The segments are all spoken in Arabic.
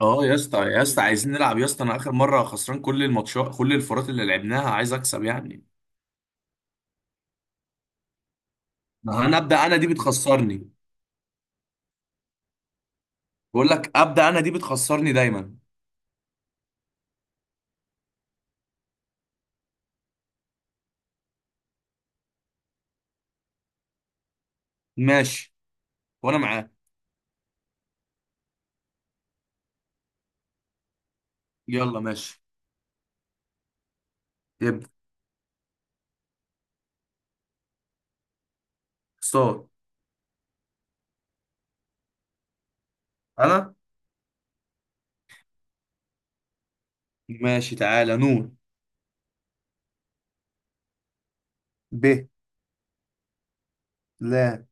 اه، يا اسطى يا اسطى عايزين نلعب يا اسطى. انا اخر مره خسران كل الماتشات، كل الفرات اللي لعبناها، عايز اكسب يعني. ما انا ابدا، انا دي بتخسرني. بقول لك ابدا، انا دي بتخسرني دايما. ماشي، وانا معاك. يلا ماشي. يبدا. صاد. انا. ماشي تعالى، نون. ب. لا.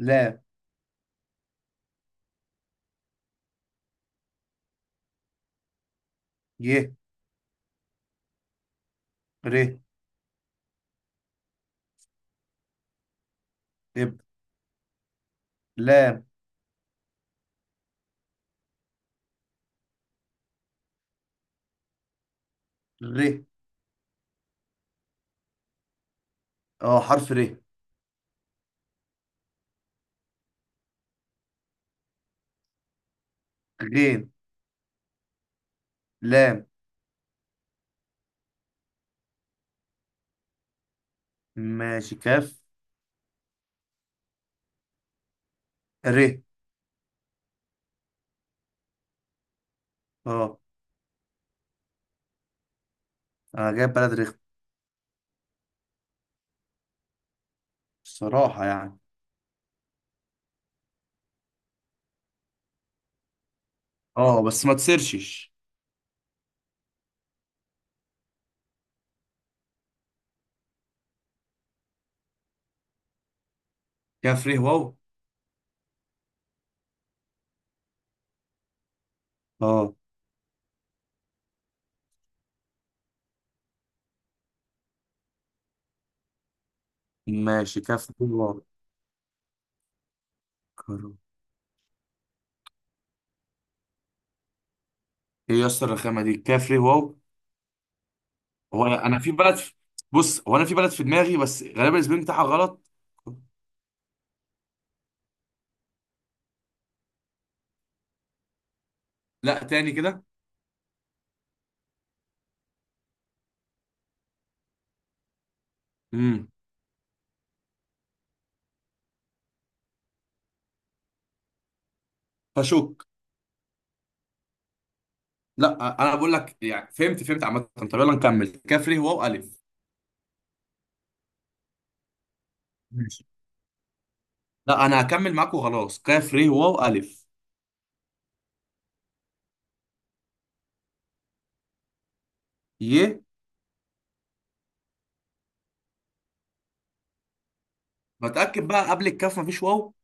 لا. ي. ر. ابدا. لام. ر. اه، حرف ر. غين. لام. ماشي كاف. ر. اه، انا جايب بلد رخم الصراحه يعني. اه بس ما تسرشش. كفري واو. اه. ماشي كفري واو. كرو. ايه يا اسطى، الرخامه دي كفري واو. هو انا أنا في بلد في... بص، هو انا في بلد في دماغي، بس غالبا الاسم بتاعها غلط. لا، تاني كده. امم. فشوك. لا، انا بقول لك يعني، فهمت فهمت عامه. طب يلا نكمل، كفري واو الف. ماشي. لا، انا هكمل معاك وخلاص، كفري واو الف. ي. بتاكد بقى، قبل الكاف مفيش واو؟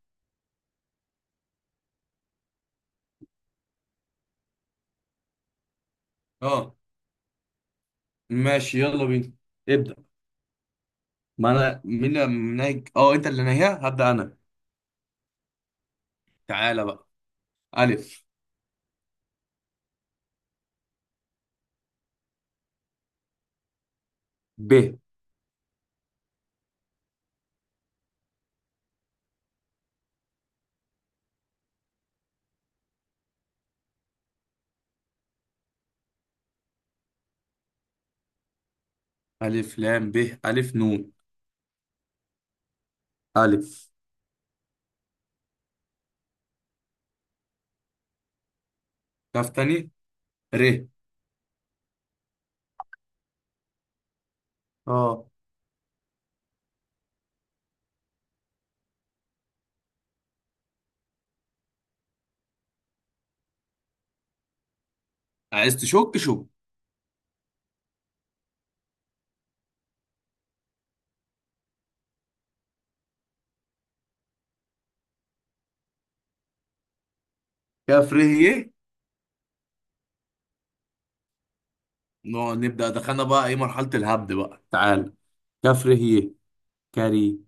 اه. ماشي يلا بينا. ابدا. ما انا مين اللي نايج، انت اللي ناهيها هبدا انا. تعالى بقى. ألف. ب. ألف لام ب. ألف نون. ألف. كاف تاني. ر. اه، عايز تشك شك. كاف ر ي. نقعد نبدأ، دخلنا بقى إيه، مرحلة الهبد بقى؟ تعال. كاف ر ي. كاري.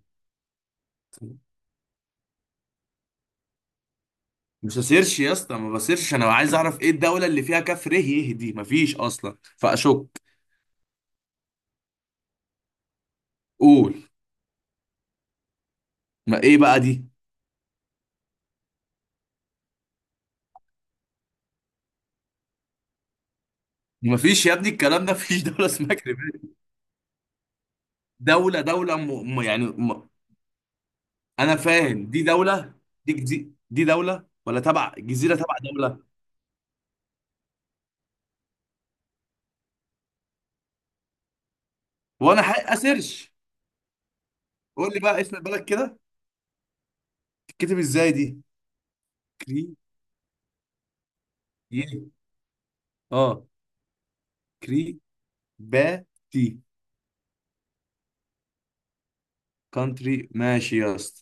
مش هسيرش يا اسطى، ما بسيرش، أنا عايز أعرف إيه الدولة اللي فيها كاف ر ي دي، مفيش أصلا فأشك. قول. ما إيه بقى دي؟ مفيش يا ابني، الكلام ده، مفيش دولة اسمها كريبات. دولة دولة يعني. انا فاهم دي دوله. دي دوله، ولا تبع جزيره تبع دوله؟ وانا حق اسيرش. قول لي بقى اسم البلد كده، تتكتب ازاي دي؟ كري. ي. اه. كري. با. تي. كونتري ماشي يا اسطى.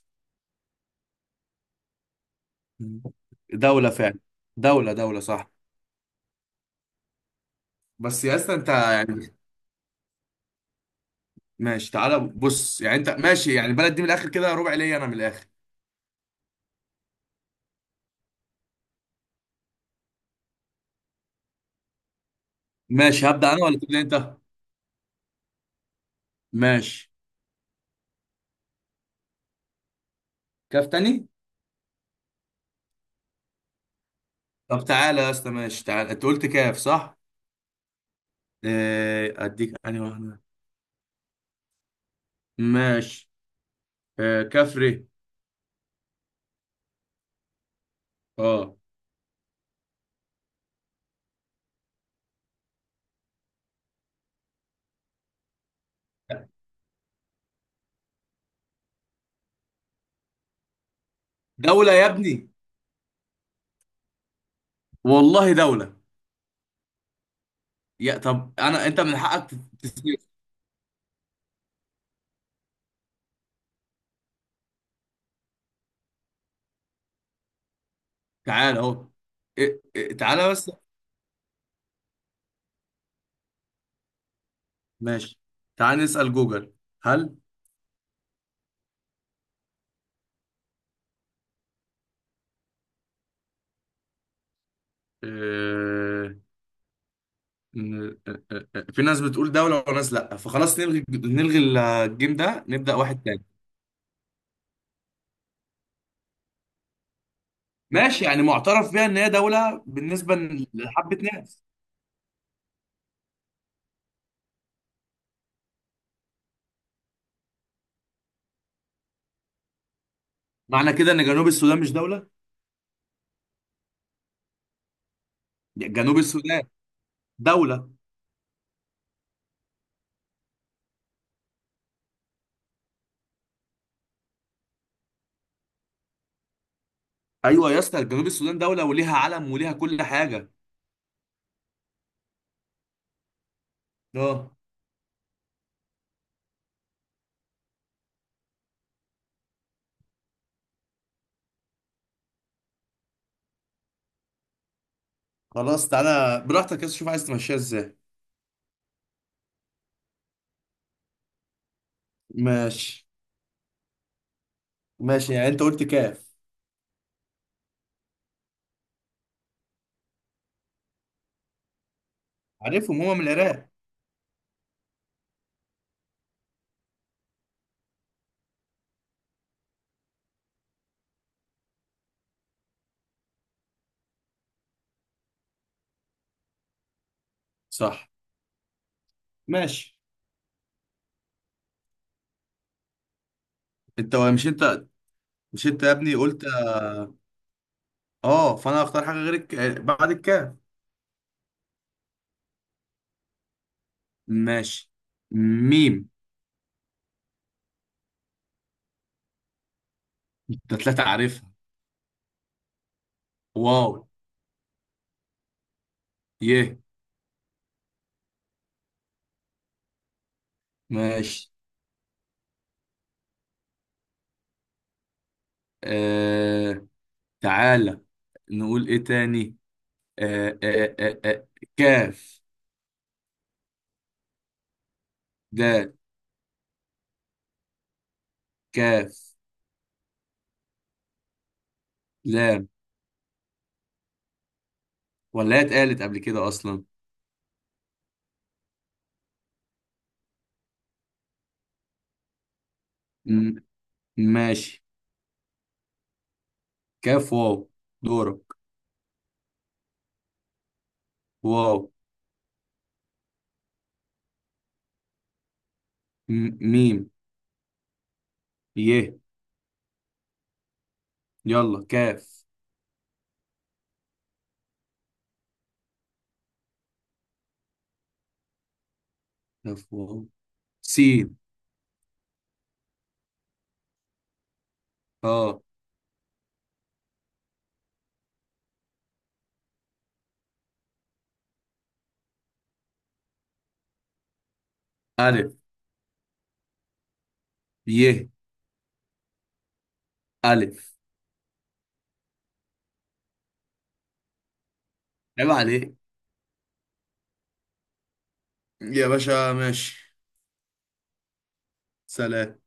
دوله فعلا. دوله دوله صح. بس يا اسطى انت يعني. ماشي، تعالى بص يعني، انت ماشي يعني، البلد دي من الاخر كده ربع ليا انا من الاخر. ماشي، هبدأ انا ولا تبدأ انت؟ ماشي. كاف تاني. طب تعالى يا اسطى، ماشي تعالى، انت قلت كاف صح؟ اديك انهي واحده. ماشي. كفري. اه. دوله يا ابني. والله دوله. يا طب انا، انت من حقك تسال. تعال اهو. إيه- إيه، تعالى بس. ماشي. تعال نسال جوجل. هل. آه، في ناس بتقول دوله وناس لا، فخلاص نلغي نلغي. الجيم ده نبدا واحد تاني. ماشي، يعني معترف بيها ان هي دوله بالنسبه لحبه ناس؟ معنى كده ان جنوب السودان مش دوله؟ جنوب السودان. دوله. ايوه يا اسطى، جنوب السودان دوله وليها علم وليها كل حاجه. اه. خلاص، تعالى براحتك يا اسطى، شوف عايز تمشيها ازاي. ماشي. ماشي يعني انت قلت كاف. عارفهم هما من العراق. صح. ماشي. مش انت مش انت يا ابني قلت. اه، فانا هختار حاجه غير بعد الكاف. ماشي. ميم. انت ثلاثه عارفها. واو. يه. ماشي. آه... تعالى، نقول ايه تاني؟ آه... آه... آه... آه... كاف. دال. كاف. لام. ولا هي اتقالت قبل كده اصلا؟ م- ماشي. كاف واو. دورك. واو. ميم. يه. يلا كاف. كاف واو سين. اه. الف. يه. الف. عيب عليك يا باشا. ماشي. سلام.